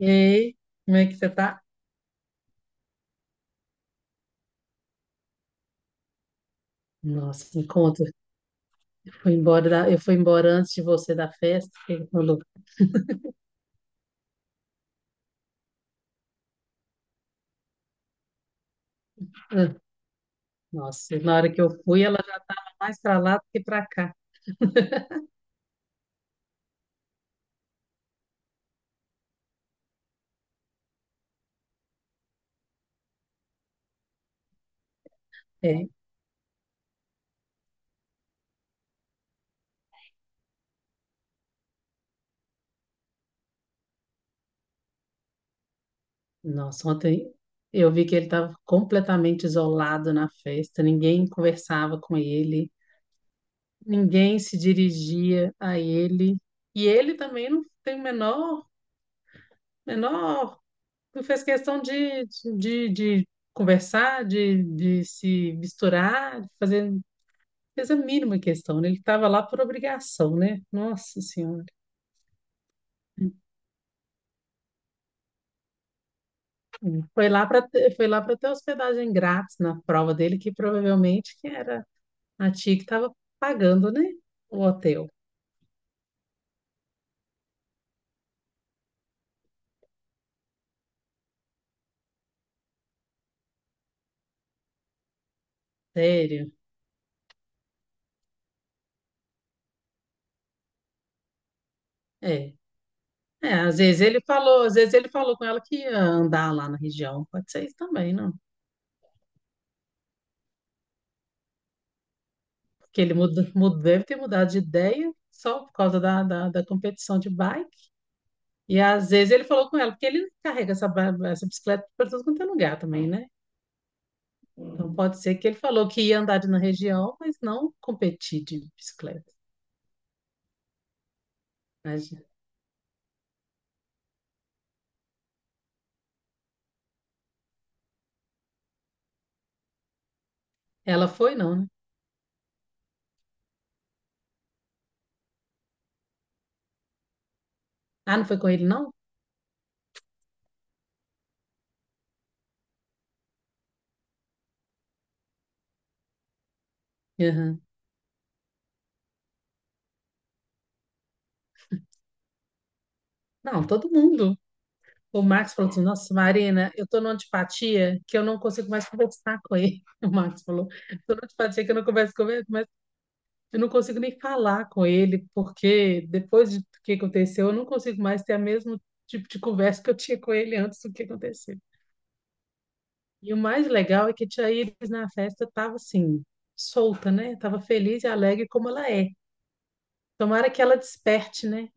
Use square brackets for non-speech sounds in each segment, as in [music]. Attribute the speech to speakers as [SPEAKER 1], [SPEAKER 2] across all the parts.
[SPEAKER 1] E aí, como é que você tá? Nossa, me conta. Eu fui embora, eu fui embora antes de você da festa. O que ele falou, "Ah, nossa, na hora que eu fui, ela já estava mais para lá do que para cá. [laughs] É. Nossa, ontem eu vi que ele estava completamente isolado na festa. Ninguém conversava com ele, ninguém se dirigia a ele. E ele também não tem o menor, menor. Tu fez questão de conversar, de se misturar, de fazer. Fez a mínima questão, né? Ele estava lá por obrigação, né? Nossa Senhora. Hum. Foi lá para ter hospedagem grátis na prova dele, que provavelmente que era a tia que estava pagando, né? O hotel. Sério. É. É, às vezes ele falou, às vezes ele falou com ela que ia andar lá na região. Pode ser isso também, não? Porque ele muda, deve ter mudado de ideia só por causa da competição de bike. E às vezes ele falou com ela, porque ele carrega essa, essa bicicleta para todo quanto é lugar também, né? Então pode ser que ele falou que ia na região, mas não competir de bicicleta. Imagina. Ela foi, não, né? Ah, não foi com ele, não? Aham. Não, todo mundo. O Marcos falou assim: Nossa, Marina, eu tô numa antipatia que eu não consigo mais conversar com ele. [laughs] O Marcos falou: tô numa antipatia que eu não converso com ele, eu não consigo nem falar com ele, porque do que aconteceu, eu não consigo mais ter o mesmo tipo de conversa que eu tinha com ele antes do que aconteceu. E o mais legal é que a Tia Iris na festa estava assim, solta, né? Tava feliz e alegre como ela é. Tomara que ela desperte, né?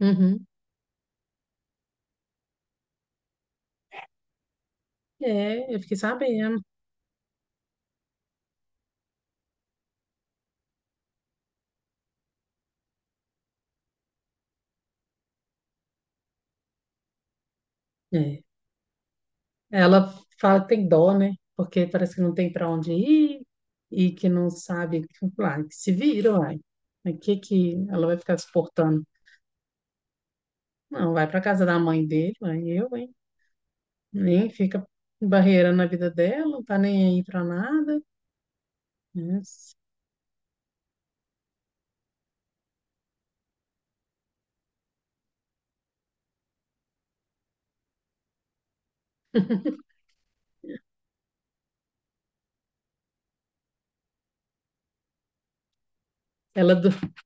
[SPEAKER 1] Uhum. É, eu fiquei sabendo. É. Ela fala que tem dó, né? Porque parece que não tem para onde ir e que não sabe. Lá, que se vira, uai. O que que ela vai ficar suportando? Não, vai pra casa da mãe dele, vai eu, hein? Nem fica barreirando a vida dela, não tá nem aí pra nada. Mas ela, [laughs]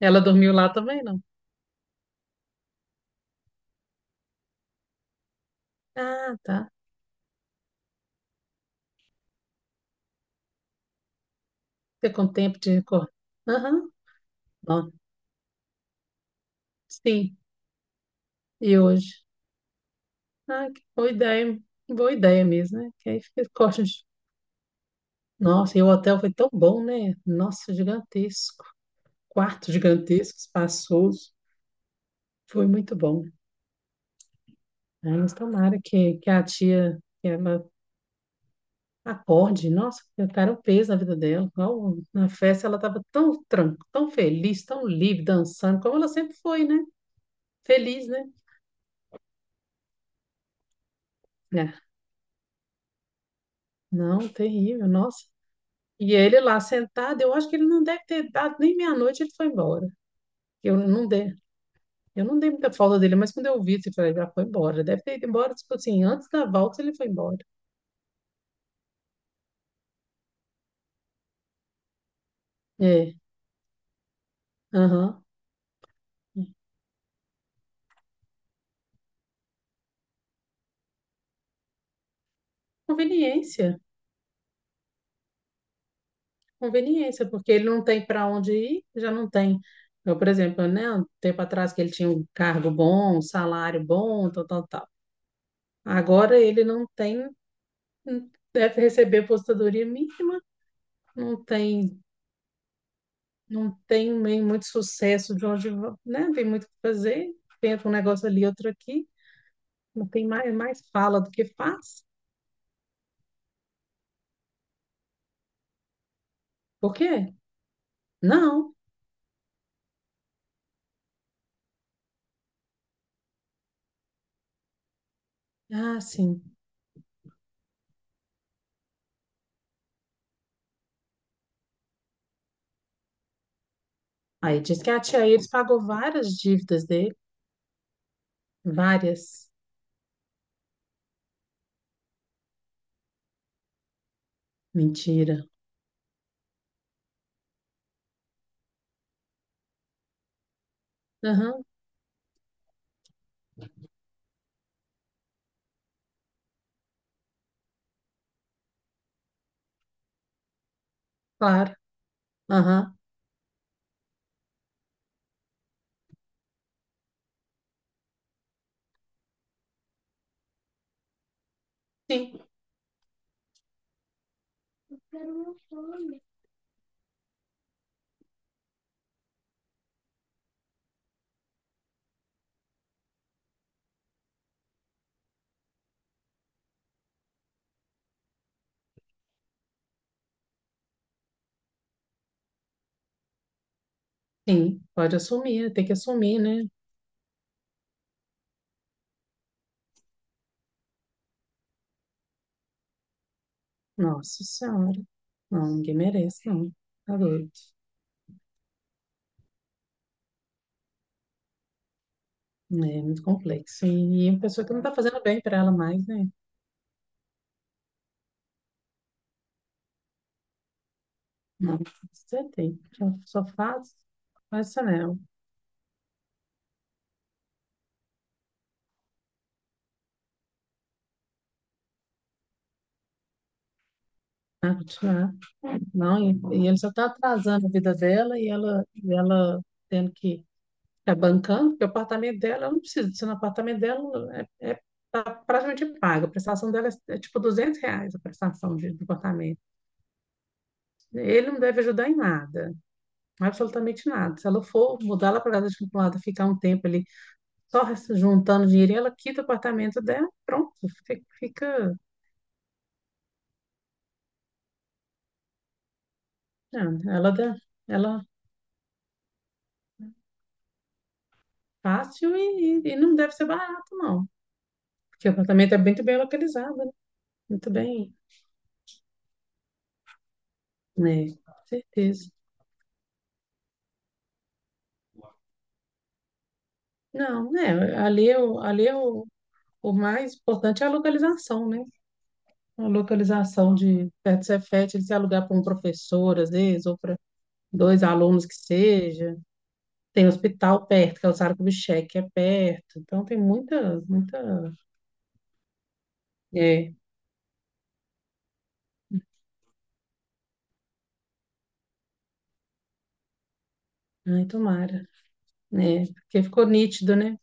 [SPEAKER 1] ela dormiu lá também, não? Ah, tá. Você com tempo de recordar. Aham, ó, sim, e hoje? Ah, que boa ideia mesmo, né? Que aí fica corte de... Nossa, e o hotel foi tão bom, né? Nossa, gigantesco. Quarto gigantesco, espaçoso. Foi muito bom. Aí, mas tomara que a tia, que a acorde, nossa, eu quero um peso na vida dela. Igual na festa ela estava tão tranquila, tão feliz, tão livre, dançando, como ela sempre foi, né? Feliz, né? É. Não, terrível, nossa. E ele lá sentado, eu acho que ele não deve ter dado nem meia-noite, ele foi embora. Eu não dei, eu não dei muita falta dele, mas quando eu vi, eu falei, já foi embora. Deve ter ido embora, tipo assim, antes da volta ele foi embora. É, aham. Conveniência. Conveniência, porque ele não tem para onde ir, já não tem. Eu, por exemplo, né, um tempo atrás que ele tinha um cargo bom, um salário bom, tal, tal, tal. Agora ele não tem, deve receber aposentadoria mínima, não tem, não tem nem muito sucesso de onde, né, tem muito o que fazer, tenta um negócio ali, outro aqui, não tem mais, mais fala do que faz. Por quê? Não. Ah, sim. Aí diz que a tia Iris pagou várias dívidas dele, várias. Mentira. Claro. Aham. Sim, sim. Pode assumir, tem que assumir, né? Nossa Senhora. Não, ninguém merece, não. Tá doido. Né? É muito complexo. E uma pessoa que não tá fazendo bem pra ela mais, né? Não, você tem. Só, só faz, faz Chanel. Né? Continuar. Não, e ele só tá atrasando a vida dela e ela tendo que tá bancando, porque o apartamento dela, eu não preciso disso no apartamento dela, é, é, tá praticamente pago. A prestação dela é, é tipo R$ 200 a prestação de, do apartamento. Ele não deve ajudar em nada, absolutamente nada. Se ela for mudar lá para casa de acumulada, ficar um tempo ali só juntando dinheiro, ela quita o apartamento dela, pronto, fica, não, ela, ela fácil e não deve ser barato, não. Porque o apartamento é muito bem localizado, né? Muito bem, né? Com certeza. Não, né? Ali, é o, ali eu, o mais importante é a localização, né? A localização de perto do Cefet, ele se alugar para um professor, às vezes, ou para dois alunos que seja. Tem hospital perto, que é o Sara Kubitschek, que é perto. Então, tem muita, muita... É, ai, tomara. Né? Porque ficou nítido, né?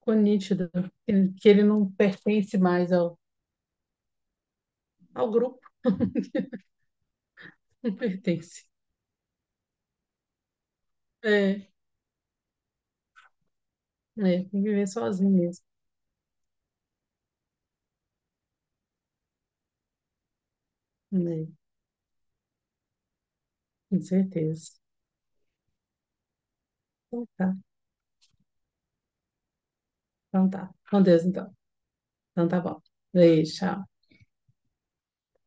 [SPEAKER 1] Ficou nítido que que ele não pertence mais ao, ao grupo. [laughs] Não pertence. É, é, tem que viver sozinho mesmo. Né? Com certeza. Então, tá. Então tá. Com Deus, então. Então tá bom. Beijo, tchau.